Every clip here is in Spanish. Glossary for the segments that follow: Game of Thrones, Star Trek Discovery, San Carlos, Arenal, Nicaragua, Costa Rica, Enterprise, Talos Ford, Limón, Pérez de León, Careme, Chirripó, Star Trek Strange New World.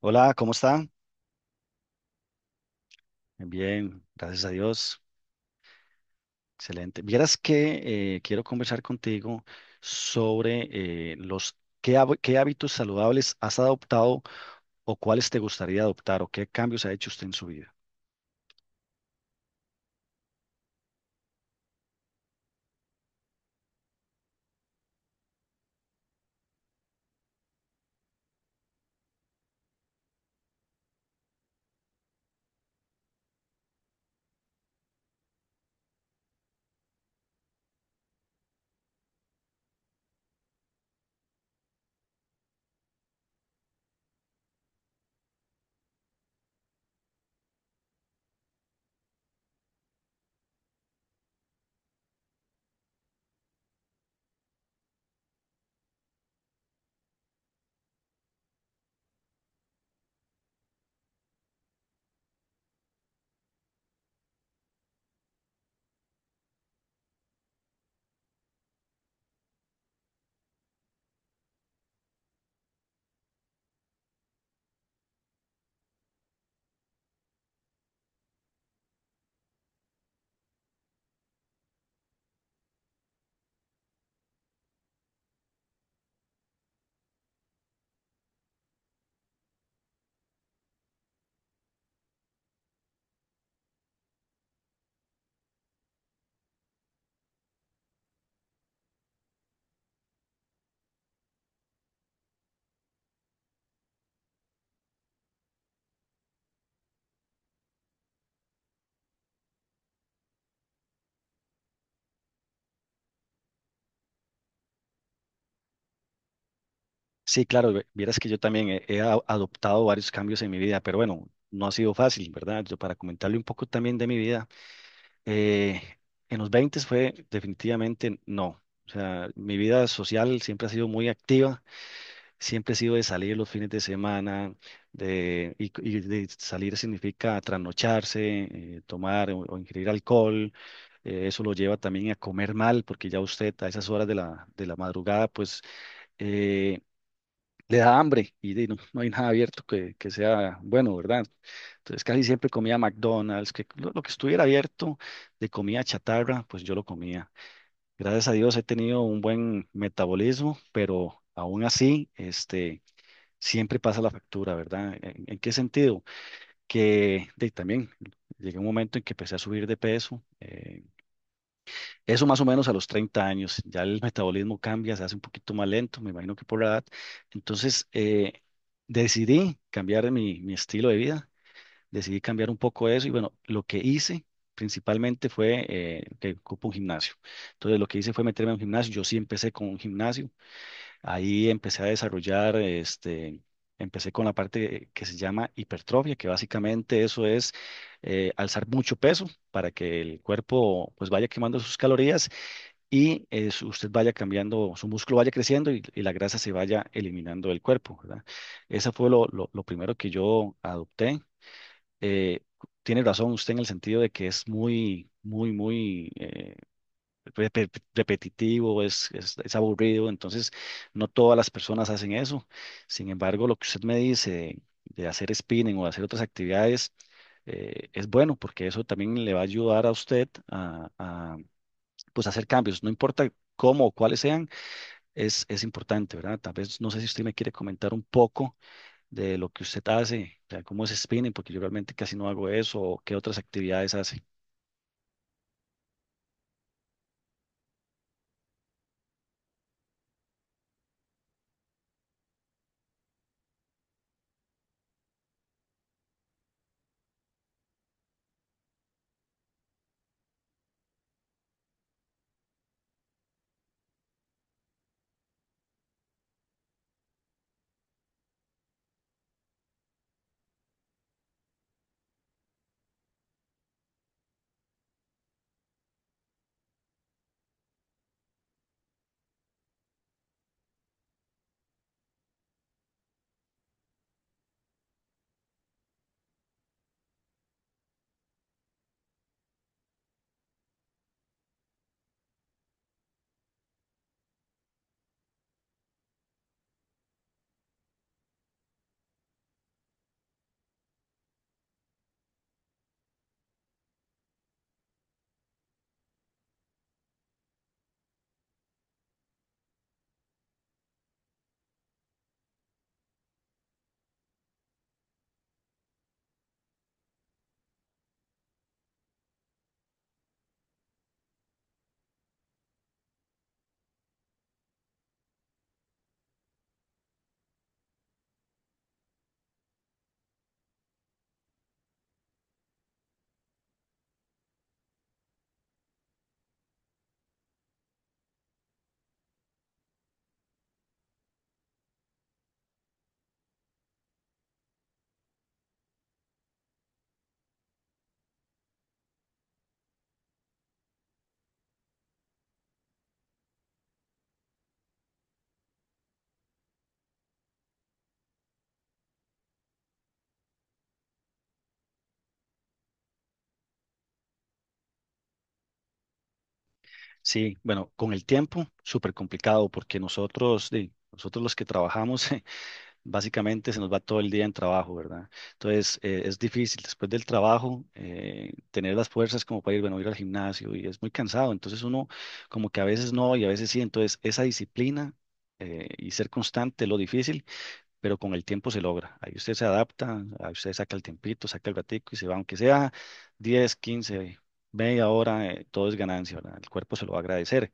Hola, ¿cómo está? Bien, gracias a Dios. Excelente. Vieras que quiero conversar contigo sobre qué hábitos saludables has adoptado o cuáles te gustaría adoptar o qué cambios ha hecho usted en su vida. Sí, claro, vieras que yo también he adoptado varios cambios en mi vida, pero bueno, no ha sido fácil, ¿verdad? Yo para comentarle un poco también de mi vida, eh, en los 20 fue definitivamente no. O sea, mi vida social siempre ha sido muy activa. Siempre he sido de salir los fines de semana, y de salir significa trasnocharse, tomar o ingerir alcohol. Eso lo lleva también a comer mal, porque ya usted a esas horas de la madrugada, pues eh, le da hambre y no hay nada abierto que sea bueno, ¿verdad? Entonces casi siempre comía McDonald's, que lo que estuviera abierto de comida chatarra, pues yo lo comía. Gracias a Dios he tenido un buen metabolismo, pero aún así, siempre pasa la factura, ¿verdad? ¿En qué sentido? Que también llegué a un momento en que empecé a subir de peso, eso más o menos a los 30 años, ya el metabolismo cambia, se hace un poquito más lento, me imagino que por la edad. Entonces, decidí cambiar mi estilo de vida, decidí cambiar un poco eso y bueno, lo que hice principalmente fue que ocupo un gimnasio. Entonces lo que hice fue meterme a un gimnasio. Yo sí empecé con un gimnasio. Ahí empecé a desarrollar, empecé con la parte que se llama hipertrofia, que básicamente eso es alzar mucho peso para que el cuerpo pues vaya quemando sus calorías y usted vaya cambiando, su músculo vaya creciendo y la grasa se vaya eliminando del cuerpo, ¿verdad? Ese fue lo primero que yo adopté. Eh, Tiene razón usted en el sentido de que es muy, muy, muy, repetitivo, es aburrido, entonces no todas las personas hacen eso. Sin embargo, lo que usted me dice de hacer spinning o de hacer otras actividades es bueno porque eso también le va a ayudar a usted a, pues, hacer cambios, no importa cómo o cuáles sean, es importante, ¿verdad? Tal vez no sé si usted me quiere comentar un poco de lo que usted hace, o sea, cómo es spinning, porque yo realmente casi no hago eso, o qué otras actividades hace. Sí, bueno, con el tiempo, súper complicado porque nosotros, nosotros los que trabajamos, básicamente se nos va todo el día en trabajo, ¿verdad? Entonces, es difícil después del trabajo tener las fuerzas como para ir, bueno, ir al gimnasio y es muy cansado. Entonces uno como que a veces no y a veces sí. Entonces, esa disciplina y ser constante es lo difícil, pero con el tiempo se logra. Ahí usted se adapta, ahí usted saca el tiempito, saca el ratico y se va, aunque sea 10, 15, media hora, todo es ganancia, ¿verdad? El cuerpo se lo va a agradecer.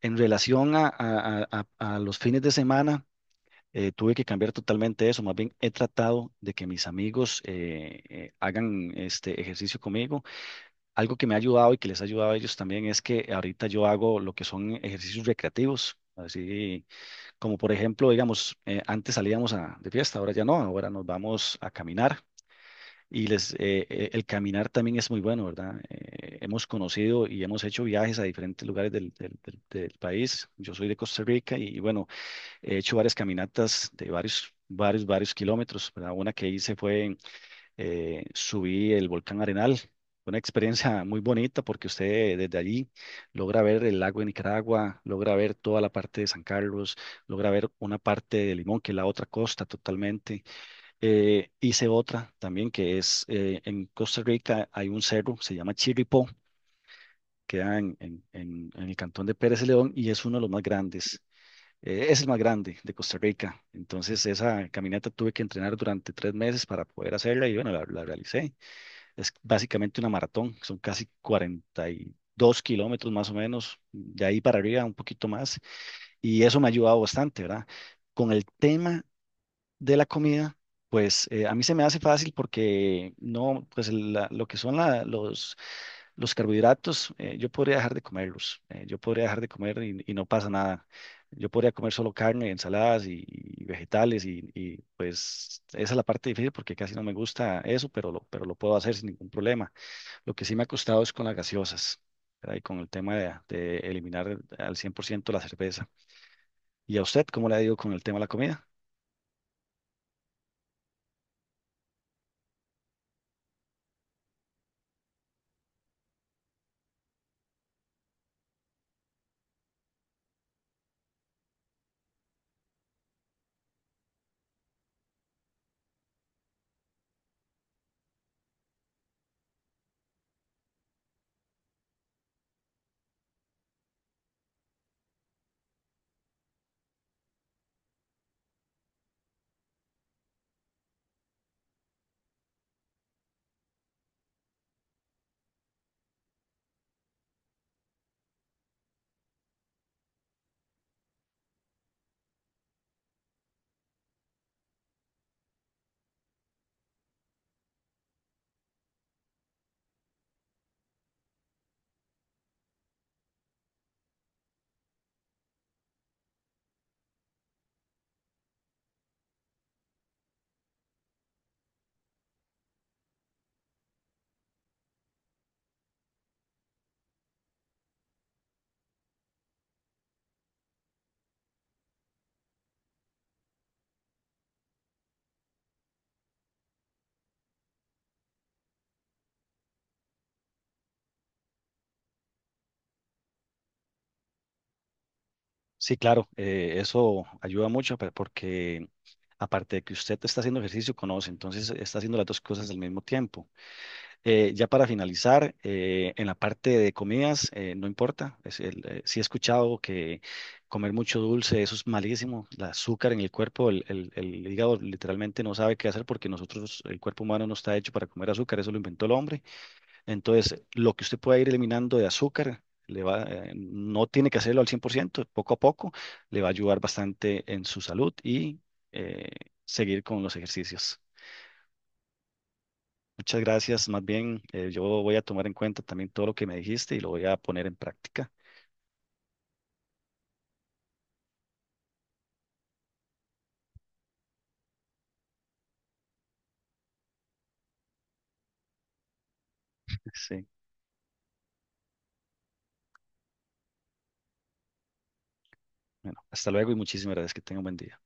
En relación a los fines de semana, tuve que cambiar totalmente eso. Más bien he tratado de que mis amigos hagan este ejercicio conmigo. Algo que me ha ayudado y que les ha ayudado a ellos también es que ahorita yo hago lo que son ejercicios recreativos. Así como por ejemplo, digamos, antes salíamos de fiesta, ahora ya no, ahora nos vamos a caminar. Y el caminar también es muy bueno, ¿verdad? Hemos conocido y hemos hecho viajes a diferentes lugares del país. Yo soy de Costa Rica y, bueno, he hecho varias caminatas de varios, varios, varios kilómetros, ¿verdad? Una que hice fue, subí el volcán Arenal. Fue una experiencia muy bonita porque usted desde allí logra ver el lago de Nicaragua, logra ver toda la parte de San Carlos, logra ver una parte de Limón, que es la otra costa totalmente. Hice otra también que es en Costa Rica hay un cerro, se llama Chirripó, queda en el cantón de Pérez de León y es uno de los más grandes. Es el más grande de Costa Rica. Entonces esa caminata tuve que entrenar durante 3 meses para poder hacerla y bueno, la realicé. Es básicamente una maratón, son casi 42 kilómetros más o menos, de ahí para arriba un poquito más y eso me ha ayudado bastante, ¿verdad? Con el tema de la comida, pues a mí se me hace fácil porque no, pues lo que son los carbohidratos, yo podría dejar de comerlos, yo podría dejar de comer y no pasa nada. Yo podría comer solo carne, ensaladas y vegetales pues esa es la parte difícil porque casi no me gusta eso, pero lo puedo hacer sin ningún problema. Lo que sí me ha costado es con las gaseosas, ¿verdad? Y con el tema de eliminar al 100% la cerveza. ¿Y a usted cómo le ha ido con el tema de la comida? Sí, claro, eso ayuda mucho porque aparte de que usted está haciendo ejercicio, conoce, entonces está haciendo las dos cosas al mismo tiempo. Ya para finalizar, en la parte de comidas, no importa, sí he escuchado que comer mucho dulce, eso es malísimo, el azúcar en el cuerpo, el hígado literalmente no sabe qué hacer porque nosotros, el cuerpo humano no está hecho para comer azúcar, eso lo inventó el hombre. Entonces, lo que usted pueda ir eliminando de azúcar, le va, no tiene que hacerlo al 100%. Poco a poco le va a ayudar bastante en su salud y eh, seguir con los ejercicios. Muchas gracias, más bien yo voy a tomar en cuenta también todo lo que me dijiste y lo voy a poner en práctica. Sí, bueno, hasta luego y muchísimas gracias, que tenga un buen día.